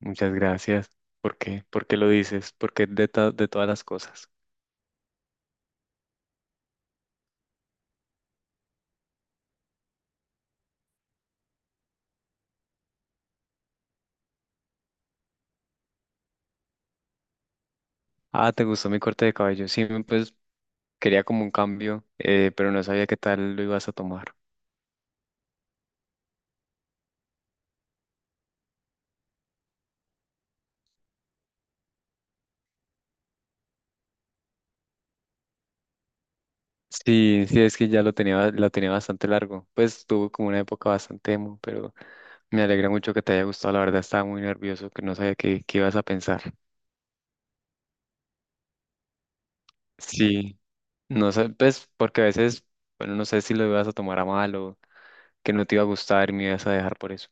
Muchas gracias. ¿Por qué? ¿Por qué lo dices? Porque de todas las cosas. Ah, ¿te gustó mi corte de cabello? Sí, pues quería como un cambio, pero no sabía qué tal lo ibas a tomar. Sí, sí, es que ya lo tenía, lo tenía bastante largo. Pues tuvo como una época bastante emo, pero me alegra mucho que te haya gustado. La verdad estaba muy nervioso, que no sabía qué ibas a pensar. Sí, no sé, pues porque a veces, bueno, no sé si lo ibas a tomar a mal o que no te iba a gustar y me ibas a dejar por eso.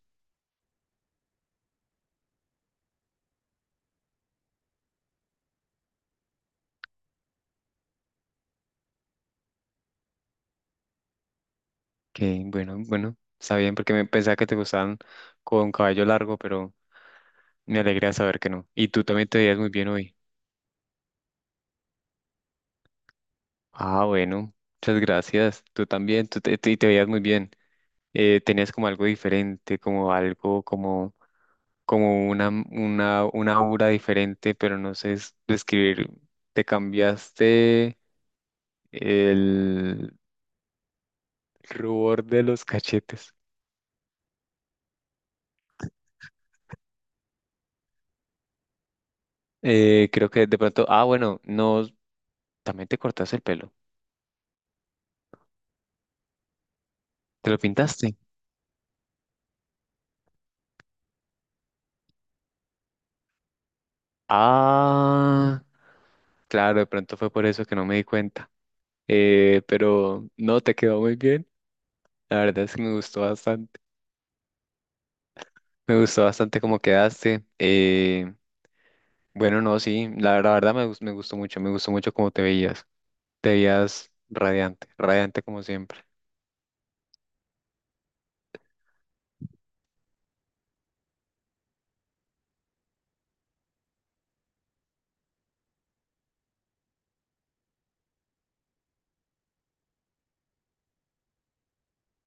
Que bueno, bueno, está bien porque me pensaba que te gustaban con cabello largo, pero me alegra saber que no. Y tú también te veías muy bien hoy. Ah, bueno, muchas gracias. Tú también, te veías muy bien. Tenías como algo diferente, como algo, como, como una aura diferente, pero no sé describir. Te cambiaste el rubor de los cachetes. Creo que de pronto, ah, bueno, no, también te cortaste el pelo. ¿Te lo pintaste? Ah, claro, de pronto fue por eso que no me di cuenta. Pero no, te quedó muy bien. La verdad es que me gustó bastante. Me gustó bastante cómo quedaste. Bueno, no, sí, la verdad me gustó mucho cómo te veías. Te veías radiante, radiante como siempre.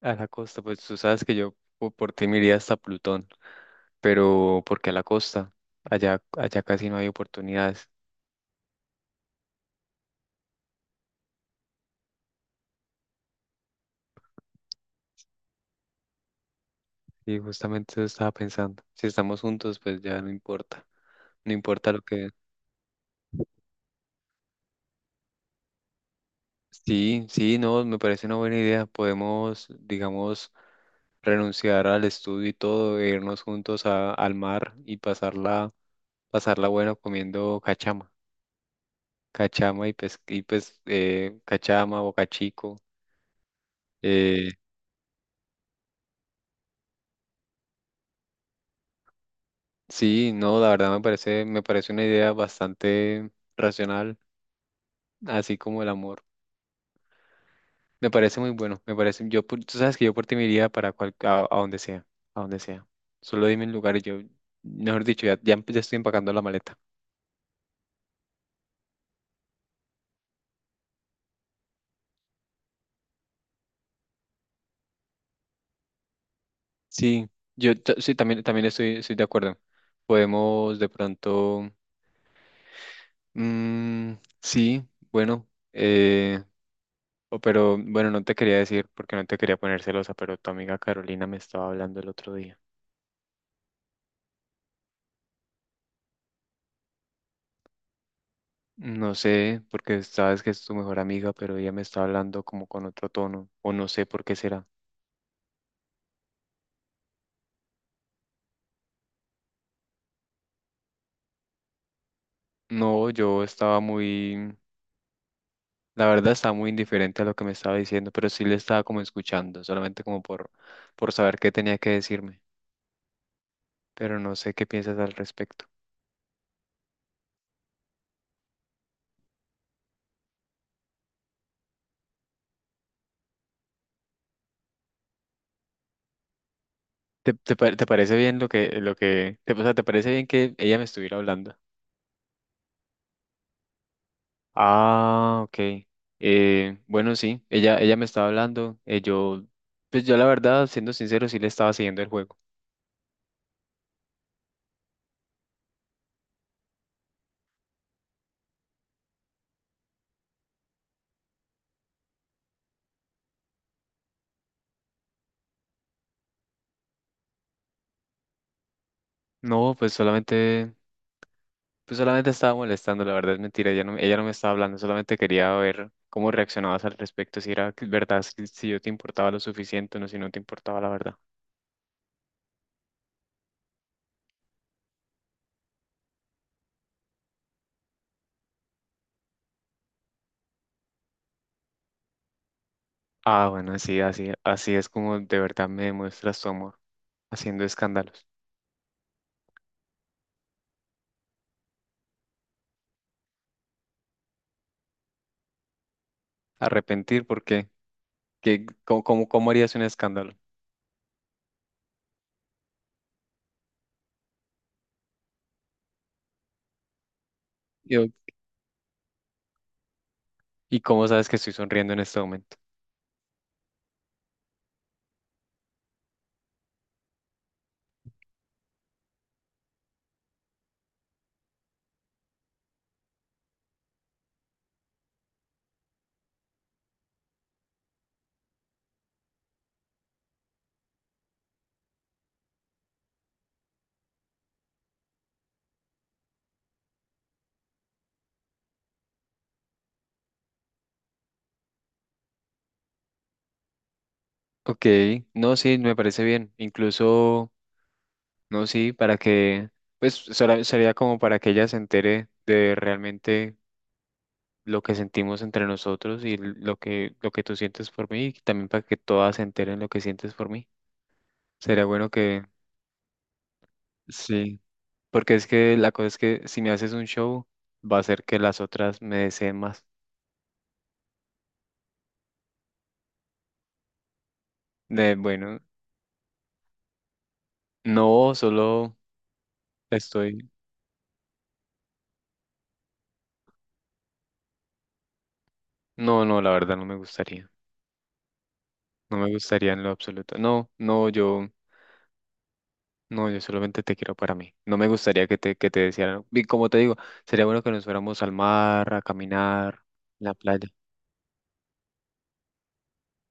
A la costa, pues tú sabes que yo por ti me iría hasta Plutón, pero ¿por qué a la costa? Allá, allá casi no hay oportunidades. Y justamente eso estaba pensando. Si estamos juntos, pues ya no importa. No importa lo que... Sí, sí, no, me parece una buena idea. Podemos, digamos, renunciar al estudio y todo, e irnos juntos al mar y pasarla, pasarla buena comiendo cachama. Cachama y cachama, bocachico. Eh, sí, no, la verdad me parece una idea bastante racional, así como el amor. Me parece muy bueno, me parece, tú sabes que yo por ti me iría para a donde sea, a donde sea. Solo dime el lugar y yo, mejor dicho, ya estoy empacando la maleta. Sí, sí, también, también estoy, estoy de acuerdo. Podemos de pronto, mm, sí, bueno, eh, o pero bueno, no te quería decir porque no te quería poner celosa, pero tu amiga Carolina me estaba hablando el otro día. No sé, porque sabes que es tu mejor amiga, pero ella me está hablando como con otro tono, o no sé por qué será. No, yo estaba muy, la verdad estaba muy indiferente a lo que me estaba diciendo, pero sí le estaba como escuchando, solamente como por saber qué tenía que decirme, pero no sé qué piensas al respecto. Te parece bien lo que, o sea, te parece bien que ella me estuviera hablando? Ah, ok. Bueno, sí, ella me estaba hablando, pues yo la verdad, siendo sincero, sí le estaba siguiendo el juego. No, pues solamente Pues solamente estaba molestando, la verdad es mentira, ella no me estaba hablando, solamente quería ver cómo reaccionabas al respecto, si era verdad, si yo te importaba lo suficiente o no, si no te importaba la verdad. Ah, bueno, sí, así, así es como de verdad me demuestras tu amor, haciendo escándalos. Arrepentir, ¿por qué? Cómo harías un escándalo? Yo... ¿Y cómo sabes que estoy sonriendo en este momento? Ok, no, sí, me parece bien, incluso, no, sí, para que, pues sería como para que ella se entere de realmente lo que sentimos entre nosotros y lo que tú sientes por mí y también para que todas se enteren lo que sientes por mí. Sería bueno que sí, porque es que la cosa es que si me haces un show, va a ser que las otras me deseen más. De bueno, no, solo estoy. No, no, la verdad no me gustaría. No me gustaría en lo absoluto. No, no, yo, no, yo solamente te quiero para mí. No me gustaría que que te desearan. Y como te digo, sería bueno que nos fuéramos al mar, a caminar, en la playa.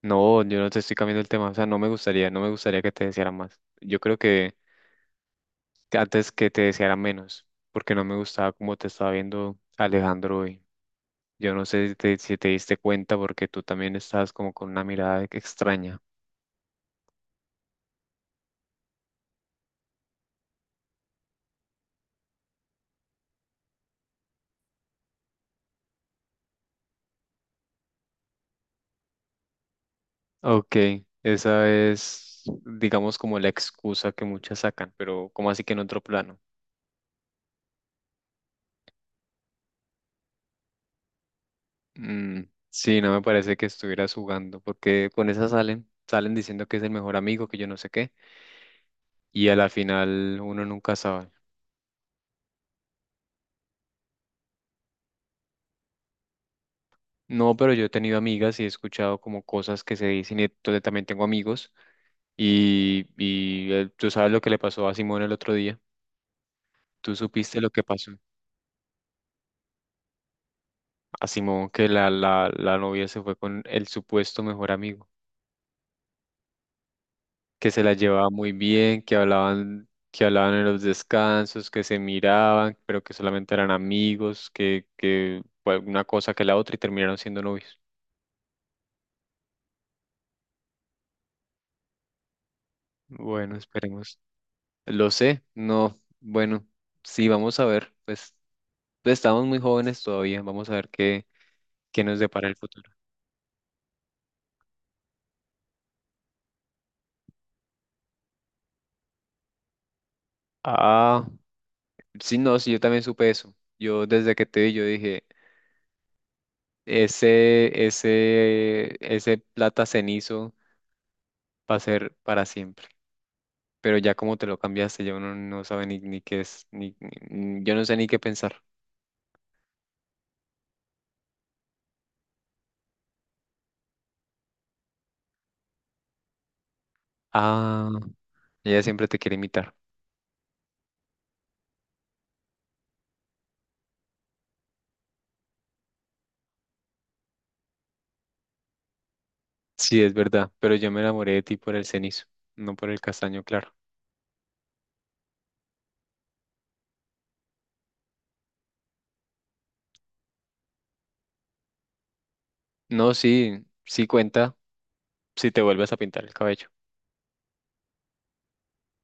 No, yo no te estoy cambiando el tema, o sea, no me gustaría, no me gustaría que te deseara más. Yo creo que antes que te deseara menos, porque no me gustaba cómo te estaba viendo Alejandro hoy. Yo no sé si te diste cuenta porque tú también estabas como con una mirada extraña. Ok, esa es, digamos, como la excusa que muchas sacan, pero ¿cómo así que en otro plano? Mm, sí, no me parece que estuvieras jugando, porque con esa salen, salen diciendo que es el mejor amigo, que yo no sé qué, y a la final uno nunca sabe. No, pero yo he tenido amigas y he escuchado como cosas que se dicen y entonces también tengo amigos y tú sabes lo que le pasó a Simón el otro día. ¿Tú supiste lo que pasó a Simón, que la novia se fue con el supuesto mejor amigo, que se la llevaba muy bien, que hablaban en los descansos, que se miraban, pero que solamente eran amigos, que fue una cosa que la otra y terminaron siendo novios? Bueno, esperemos. Lo sé, no, bueno, sí, vamos a ver, pues. Pues, estamos muy jóvenes todavía, vamos a ver qué nos depara el futuro. Ah, sí, no, sí, yo también supe eso. Yo desde que te vi, yo dije, ese plata cenizo va a ser para siempre. Pero ya como te lo cambiaste, yo no, no sabe ni, ni qué es, yo no sé ni qué pensar. Ah, ella siempre te quiere imitar. Sí, es verdad, pero yo me enamoré de ti por el cenizo, no por el castaño, claro. No, sí, sí cuenta si te vuelves a pintar el cabello.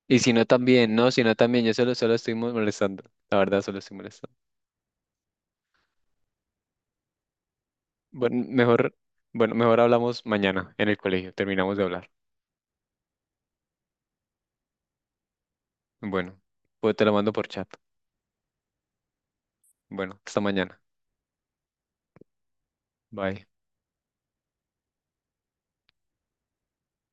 Y si no también, no, si no también, yo solo, molestando, la verdad solo estoy molestando. Bueno, mejor, bueno, mejor hablamos mañana en el colegio, terminamos de hablar. Bueno, pues te lo mando por chat. Bueno, hasta mañana. Bye.